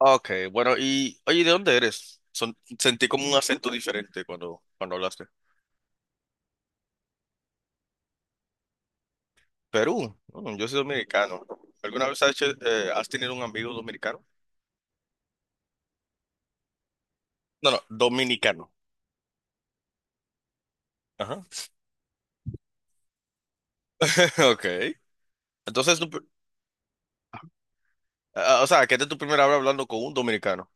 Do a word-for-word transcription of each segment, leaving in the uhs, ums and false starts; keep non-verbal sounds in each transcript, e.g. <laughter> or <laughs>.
Ah, ok, bueno, y oye, ¿de dónde eres? Son- sentí como un acento diferente cuando, cuando hablaste. Perú. Mm, yo soy dominicano. ¿Alguna vez has, hecho- eh, has tenido un amigo dominicano? No, no, dominicano. Ajá. <laughs> Ok. Entonces, tu pr- ah, o sea, que esta es tu primera vez hablando con un dominicano.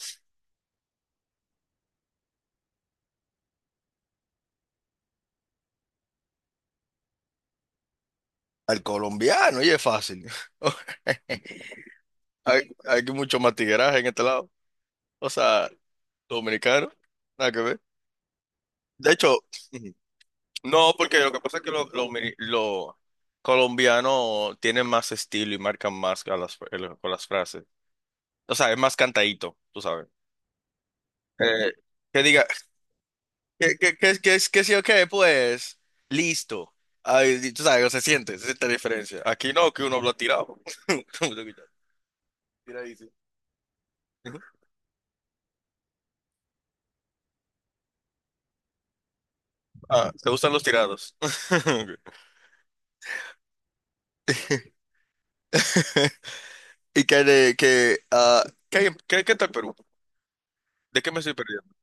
Al colombiano, y es fácil. <laughs> Hay, hay mucho más tigueraje en este lado. O sea, dominicano, nada que ver. De hecho, <laughs> no, porque lo que pasa es que los lo, lo mi- lo colombianos tienen más estilo y marcan más a las, el- con las frases. O sea, es más cantadito, tú sabes. Eh, que diga, que, que, que, que, que sí o qué, pues, listo. Ay, y tú sabes, se siente, se siente la diferencia. Aquí no, que uno habla tirado. <laughs> Tiradísimo. Ah, ¿te gustan los tirados? <laughs> <laughs> ¿Y qué, de, qué ah, qué, qué, qué tal Perú? ¿De qué me estoy perdiendo?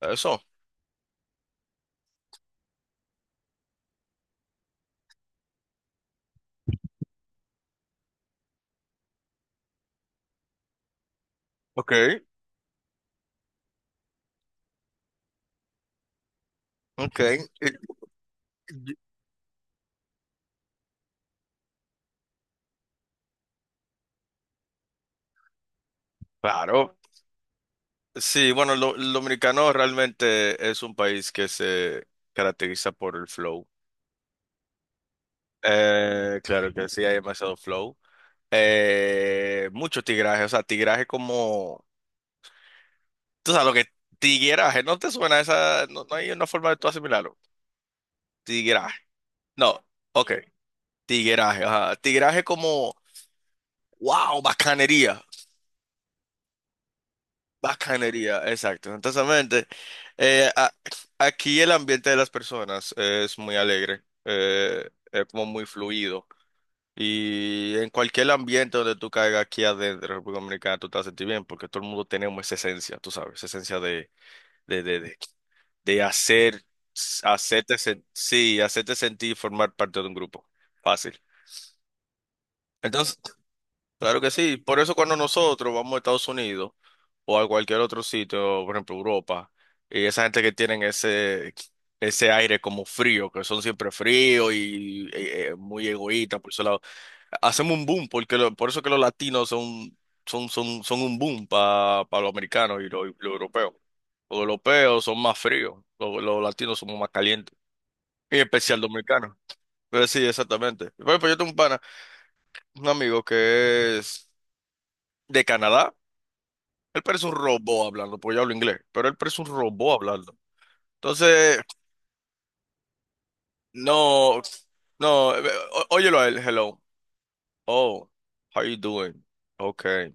Eso. Ok, ok. Claro. Sí, bueno, lo, lo dominicano realmente es un país que se caracteriza por el flow. Eh, claro que sí, hay demasiado flow. Eh, mucho tigraje, o sea, tigraje como... Tú sabes lo que... Tigueraje, ¿no te suena esa? No, no hay una forma de tú asimilarlo. Tigueraje. No, ok. Tigueraje, ajá. Tigueraje como... ¡Wow! Bacanería. Bacanería, exacto. Entonces, eh, a- aquí el ambiente de las personas es muy alegre, eh, es como muy fluido. Y en cualquier ambiente donde tú caigas aquí adentro, en República Dominicana, tú te vas a sentir bien, porque todo el mundo tenemos esa esencia, tú sabes, esa esencia de, de, de, de, de hacer, hacerte, sen- sí, hacerte sentir y formar parte de un grupo. Fácil. Entonces, claro que sí, por eso cuando nosotros vamos a Estados Unidos o a cualquier otro sitio, por ejemplo Europa, y esa gente que tienen ese, ese aire como frío, que son siempre fríos y eh, eh, muy egoístas por su lado, hacemos un boom, porque lo- por eso que los latinos son, son, son, son un boom para los americanos y los, y los europeos. Los europeos son más fríos, los, los latinos somos más calientes, y en especial los americanos. Pero sí, exactamente. Por ejemplo, yo tengo un pana, un amigo que es de Canadá. Él parece un robot hablando, porque yo hablo inglés, pero él parece un robot hablando. Entonces, no, no, eh, ó- óyelo a él, hello. Oh, how you doing? Okay,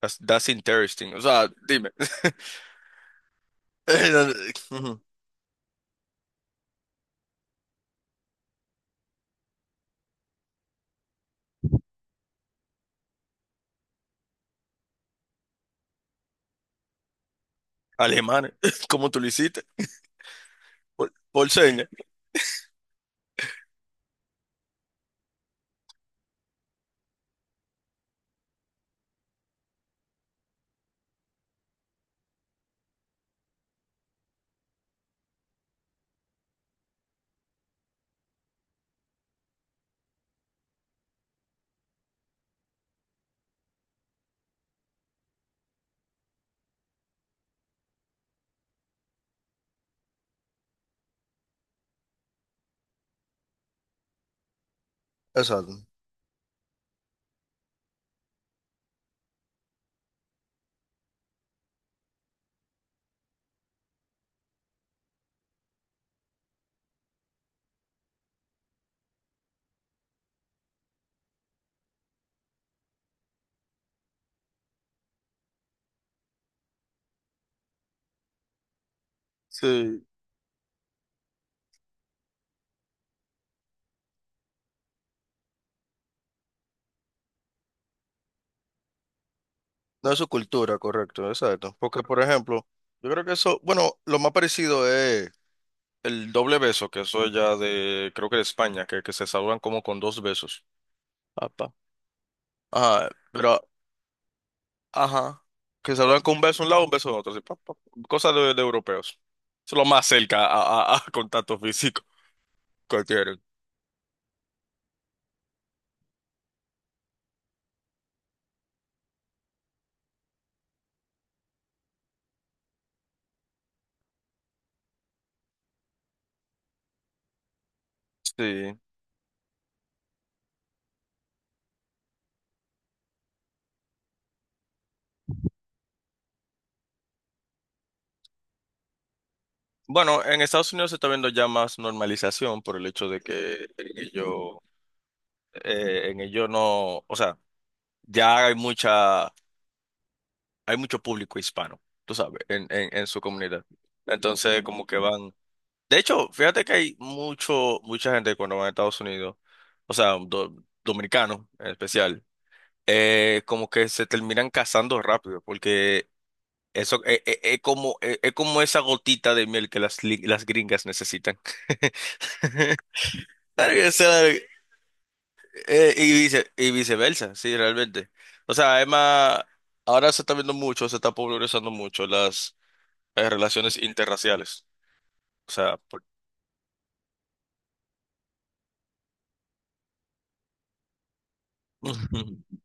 that's, that's interesting. O sea, dime. <laughs> Ujú. Alemanes, <laughs> ¿cómo tú lo hiciste? Por, por señas. Exacto. Sí, no es su cultura, correcto, exacto. Porque, por ejemplo, yo creo que eso, bueno, lo más parecido es el doble beso, que eso ya de, creo que de España, que, que se saludan como con dos besos. Papá. Ah, pero, ajá. Que saludan con un beso de un lado, un beso de otro. Así, pa, pa. Cosas de, de europeos. Eso es lo más cerca a, a- a <laughs> contacto físico que tienen. Sí. Bueno, en Estados Unidos se está viendo ya más normalización por el hecho de que en ello, eh, en ello no, o sea, ya hay mucha, hay mucho público hispano, tú sabes, en, en, en su comunidad. Entonces, como que van. De hecho, fíjate que hay mucho, mucha gente cuando va a Estados Unidos, o sea, do- dominicanos en especial, eh, como que se terminan casando rápido, porque eso eh, eh, es como, eh, es como esa gotita de miel que las, li- las gringas necesitan. <laughs> Claro que sea, eh, y, vice- y viceversa, sí, realmente. O sea, además, ahora se está viendo mucho, se está popularizando mucho las eh, relaciones interraciales. O sea, por... <laughs>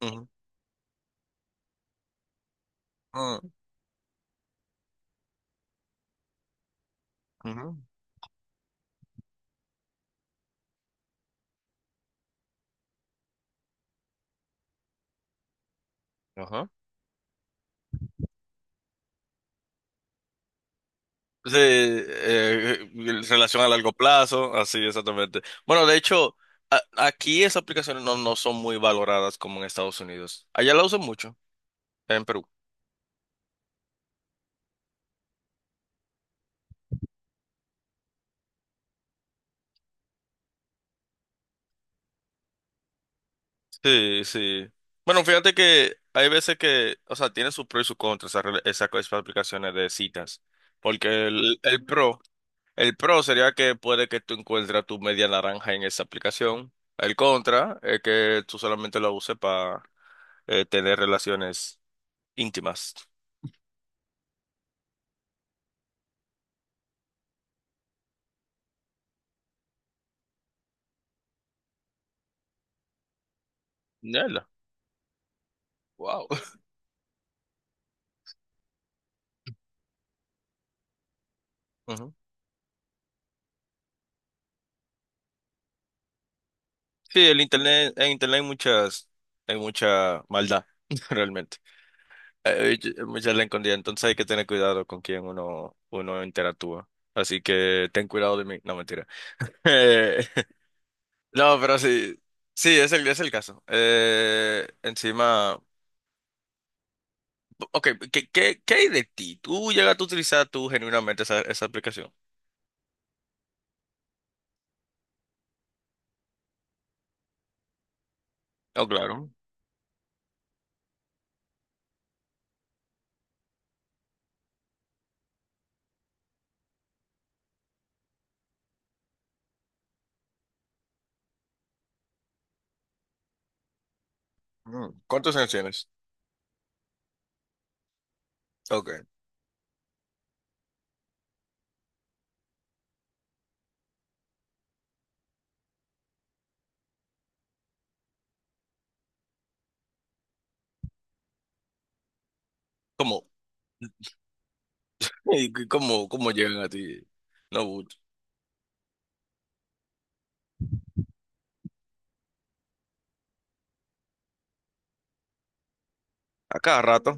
Ujú, ujú, ujú, ujú, ajá. Sí, eh, eh, en relación a largo plazo, así exactamente. Bueno, de hecho, a- aquí esas aplicaciones no, no son muy valoradas como en Estados Unidos. Allá la usan mucho, en Perú. Sí, sí. Bueno, fíjate que hay veces que, o sea, tiene sus pros y sus contras esas, rela- esas co- esas aplicaciones de citas. Porque el, el pro, el pro sería que puede que tú encuentres tu media naranja en esa aplicación. El contra es que tú solamente la uses para tener relaciones íntimas. Ya, wow. <laughs> Ujú. Sí, el internet, en internet hay muchas, hay mucha maldad, <laughs> realmente. Hay mucha la escondida, entonces hay que tener cuidado con quién uno, uno interactúa. Así que ten cuidado de mí. No, mentira. <laughs> Eh, no, pero sí, sí, es el, es el caso. Eh, encima, ok, ¿qué, qué, qué hay de ti? ¿Tú llegaste a utilizar tú genuinamente esa, esa aplicación? Oh, claro. Mm. ¿Cuántos años tienes? Ok. ¿Cómo? <laughs> ¿Y cómo, cómo llegan a ti? No, a cada rato.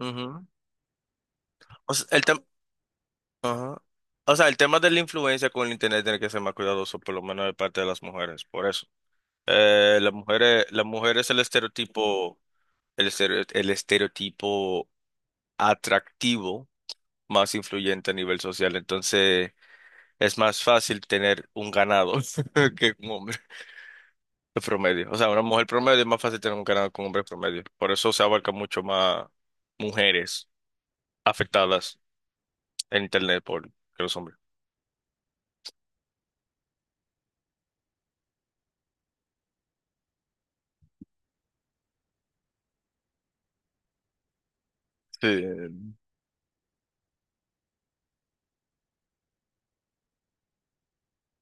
Ujú. O sea, el tem- ajá. O sea, el tema de la influencia con el internet tiene que ser más cuidadoso, por lo menos de parte de las mujeres. Por eso, Eh, las mujeres, las mujeres el estereotipo, el estere- el estereotipo atractivo más influyente a nivel social. Entonces, es más fácil tener un ganado <laughs> que un hombre de promedio. O sea, una mujer promedio es más fácil tener un ganado que un hombre promedio. Por eso se abarca mucho más mujeres afectadas en internet por que los hombres. Sí,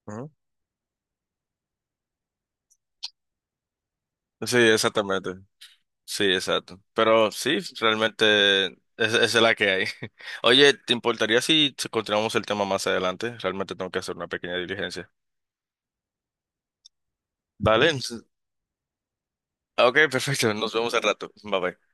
ajá. Sí, exactamente. Sí, exacto. Pero sí, realmente es- esa es la que hay. <laughs> Oye, ¿te importaría si si continuamos el tema más adelante? Realmente tengo que hacer una pequeña diligencia. Vale. Entonces, ok, perfecto. Nos vemos al rato. Bye bye.